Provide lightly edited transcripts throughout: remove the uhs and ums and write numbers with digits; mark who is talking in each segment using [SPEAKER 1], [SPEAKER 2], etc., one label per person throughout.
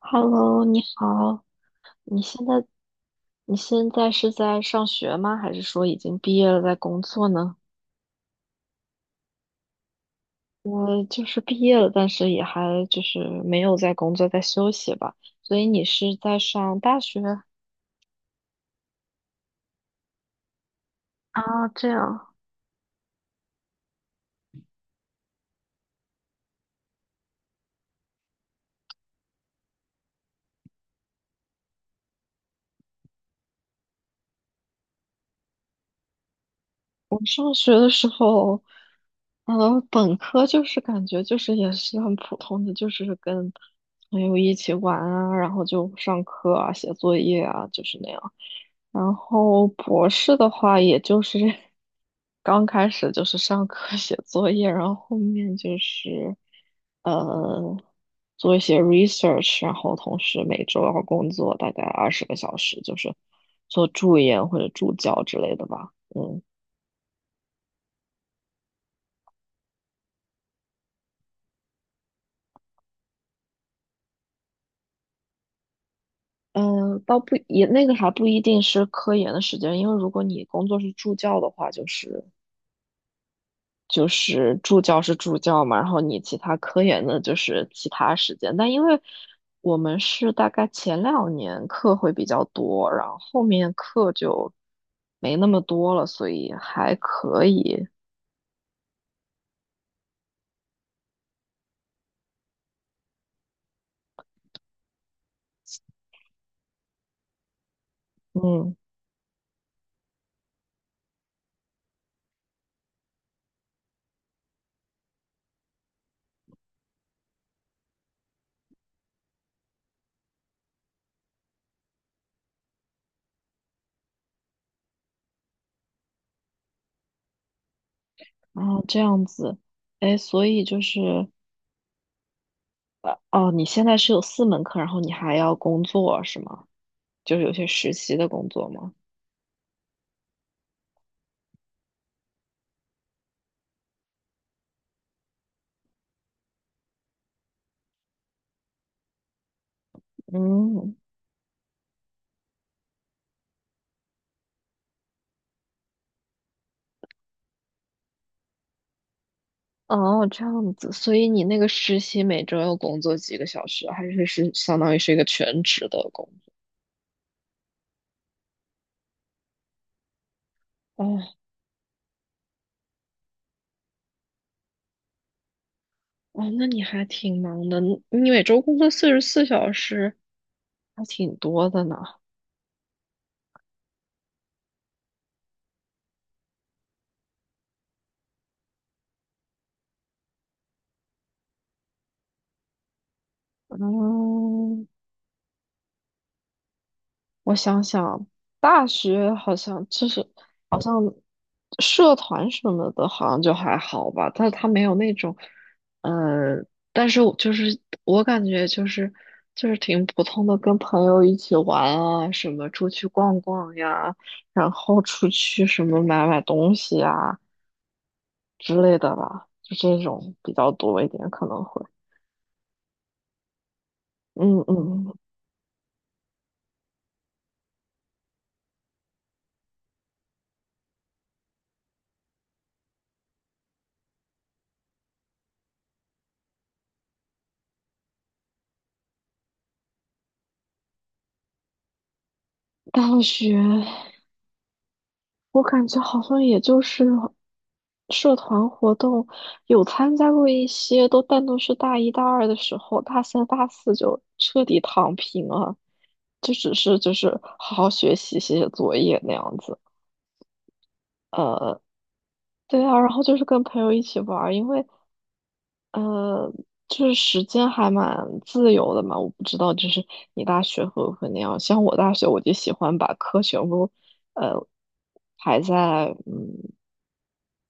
[SPEAKER 1] Hello，你好，你现在你现在是在上学吗？还是说已经毕业了在工作呢？我就是毕业了，但是也还就是没有在工作，在休息吧。所以你是在上大学？啊，这样。我上学的时候，本科就是感觉就是也是很普通的，就是跟朋友一起玩啊，然后就上课啊、写作业啊，就是那样。然后博士的话，也就是 刚开始就是上课 写作业，然后后面就是呃做一些 research，然后同时每周要工作大概二十个小时，就是做助研或者助教之类的吧。嗯。嗯，倒不也那个还不一定是科研的时间，因为如果你工作是助教的话，就是助教是助教嘛，然后你其他科研的就是其他时间。但因为我们是大概前两年课会比较多，然后后面课就没那么多了，所以还可以。嗯，然后这样子，哎，所以就是哦，你现在是有四门课，然后你还要工作是吗？就是有些实习的工作吗？嗯，哦，这样子，所以你那个实习每周要工作几个小时，还是是相当于是一个全职的工作？哦哦，那你还挺忙的，你每周工作四十四小时，还挺多的呢。嗯，我想想，大学好像就是好像社团什么的，好像就还好吧，但是他没有那种，呃，但是我就是我感觉就是挺普通的，跟朋友一起玩啊，什么出去逛逛呀，然后出去什么买买东西啊之类的吧，就这种比较多一点，可能会，嗯嗯，嗯大学。我感觉好像也就是社团活动有参加过一些，但都是大一大二的时候，大三大四就彻底躺平了，就只是就是好好学习、写写作业那样子。呃，对啊，然后就是跟朋友一起玩儿，因为呃，就是时间还蛮自由的嘛，我不知道，就是你大学会不会那样？像我大学，我就喜欢把课全部，呃，排在，嗯，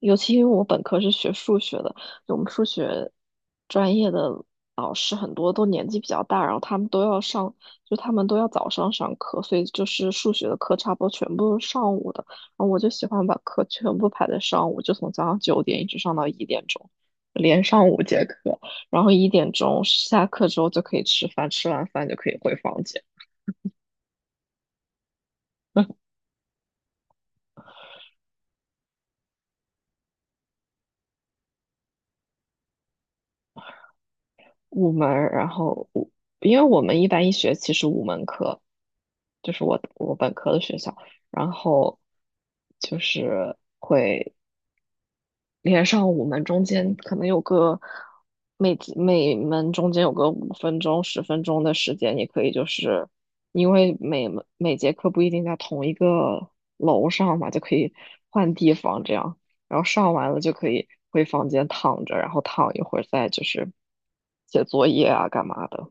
[SPEAKER 1] 尤其因为我本科是学数学的，我们数学专业的老师很多都年纪比较大，然后他们都要上，就他们都要早上上课，所以就是数学的课差不多全部是上午的，然后我就喜欢把课全部排在上午，就从早上九点一直上到一点钟，连上午。然后一点钟下课之后就可以吃饭，吃完饭就可以回房间。五门儿然后五，因为我们一般一学期是五门课，就是我本科的学校，然后就是连上五门，中间可能有个每门中间有个五分钟、十分钟的时间，你可以就是因为每门每节课不一定在同一个楼上嘛，就可以换地方这样，然后上完了就可以回房间躺着，然后躺一会儿再就是写作业啊干嘛的。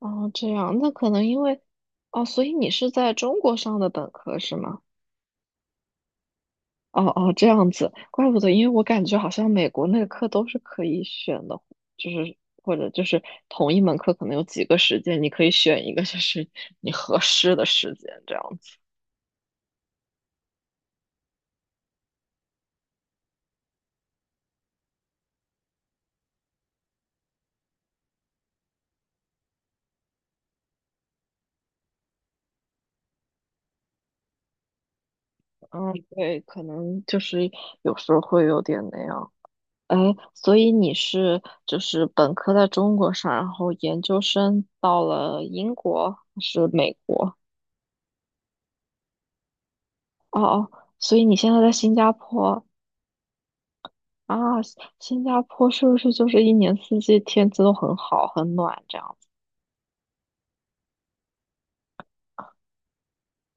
[SPEAKER 1] 哦，这样，那可能因为哦，所以你是在中国上的本科是吗？哦哦，这样子，怪不得，因为我感觉好像美国那个课都是可以选的，就是或者就是同一门课可能有几个时间，你可以选一个就是你合适的时间这样子。嗯，对，可能就是有时候会有点那样。哎，所以你是就是本科在中国上，然后研究生到了英国还是美国？哦哦，所以你现在在新加坡，啊，新加坡是不是就是一年四季天气都很好、很暖这样子？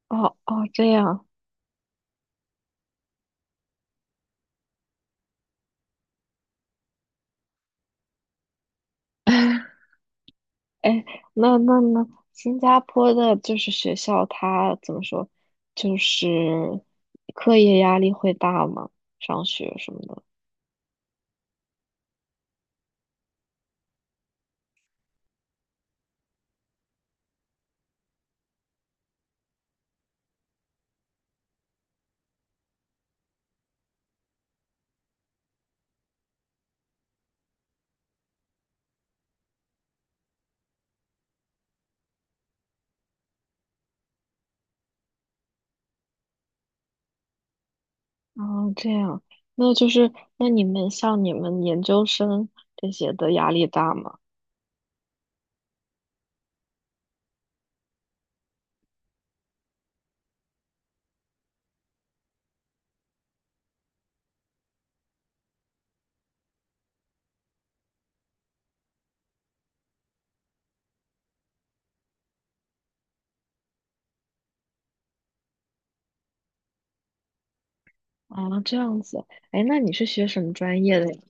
[SPEAKER 1] 哦哦，这样。哎，那那那，新加坡的就是学校，它怎么说，就是课业压力会大吗？上学什么的。哦，这样，那就是那你们像你们研究生这些的压力大吗？啊，这样子。哎，那你是学什么专业的呀？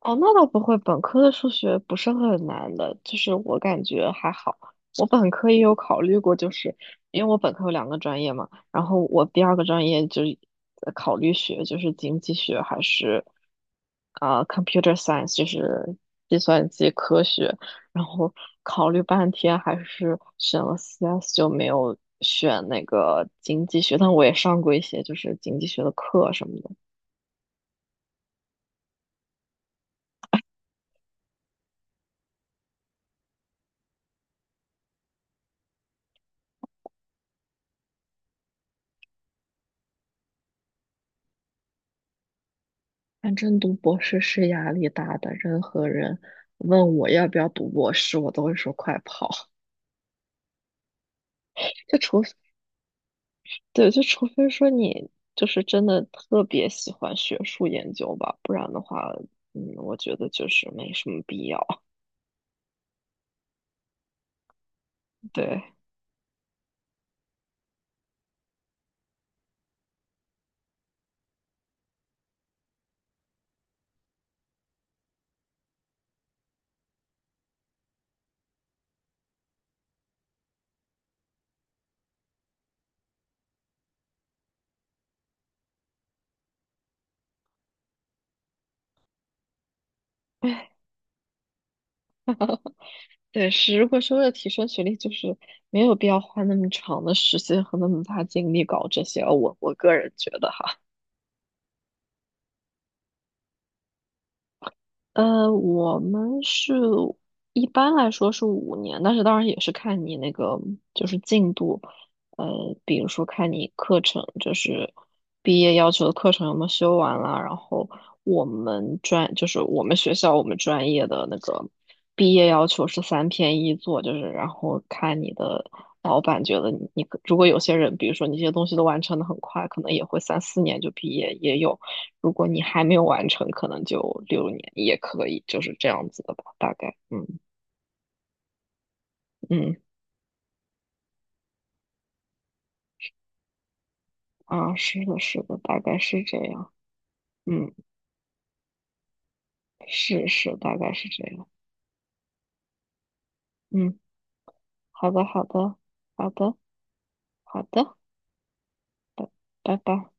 [SPEAKER 1] 哦，那倒不会，本科的数学不是很难的，就是我感觉还好。我本科也有考虑过，就是因为我本科有两个专业嘛，然后我第二个专业就是考虑学，就是经济学还是computer science，就是计算机科学，然后考虑半天还是选了 CS，就没有选那个经济学，但我也上过一些就是经济学的课什么的。反正读博士是压力大的，任何人问我要不要读博士，我都会说快跑。就除，对，就除非说你就是真的特别喜欢学术研究吧，不然的话，嗯，我觉得就是没什么必要。对，唉对，是如果是为了提升学历，就是没有必要花那么长的时间和那么大精力搞这些，我个人觉得。哈。我们是一般来说是五年，但是当然也是看你那个就是进度，比如说看你课程，就是毕业要求的课程有没有修完啦，然后我们专就是我们学校我们专业的那个毕业要求是三篇一作，就是然后看你的老板觉得你如果有些人，比如说你这些东西都完成的很快，可能也会三四年就毕业，也有。如果你还没有完成，可能就六年也可以，就是这样子的吧，大概，嗯嗯啊，是的，是的，大概是这样，嗯，是是，大概是这样，嗯，好的，好的，好的，好的，拜拜拜。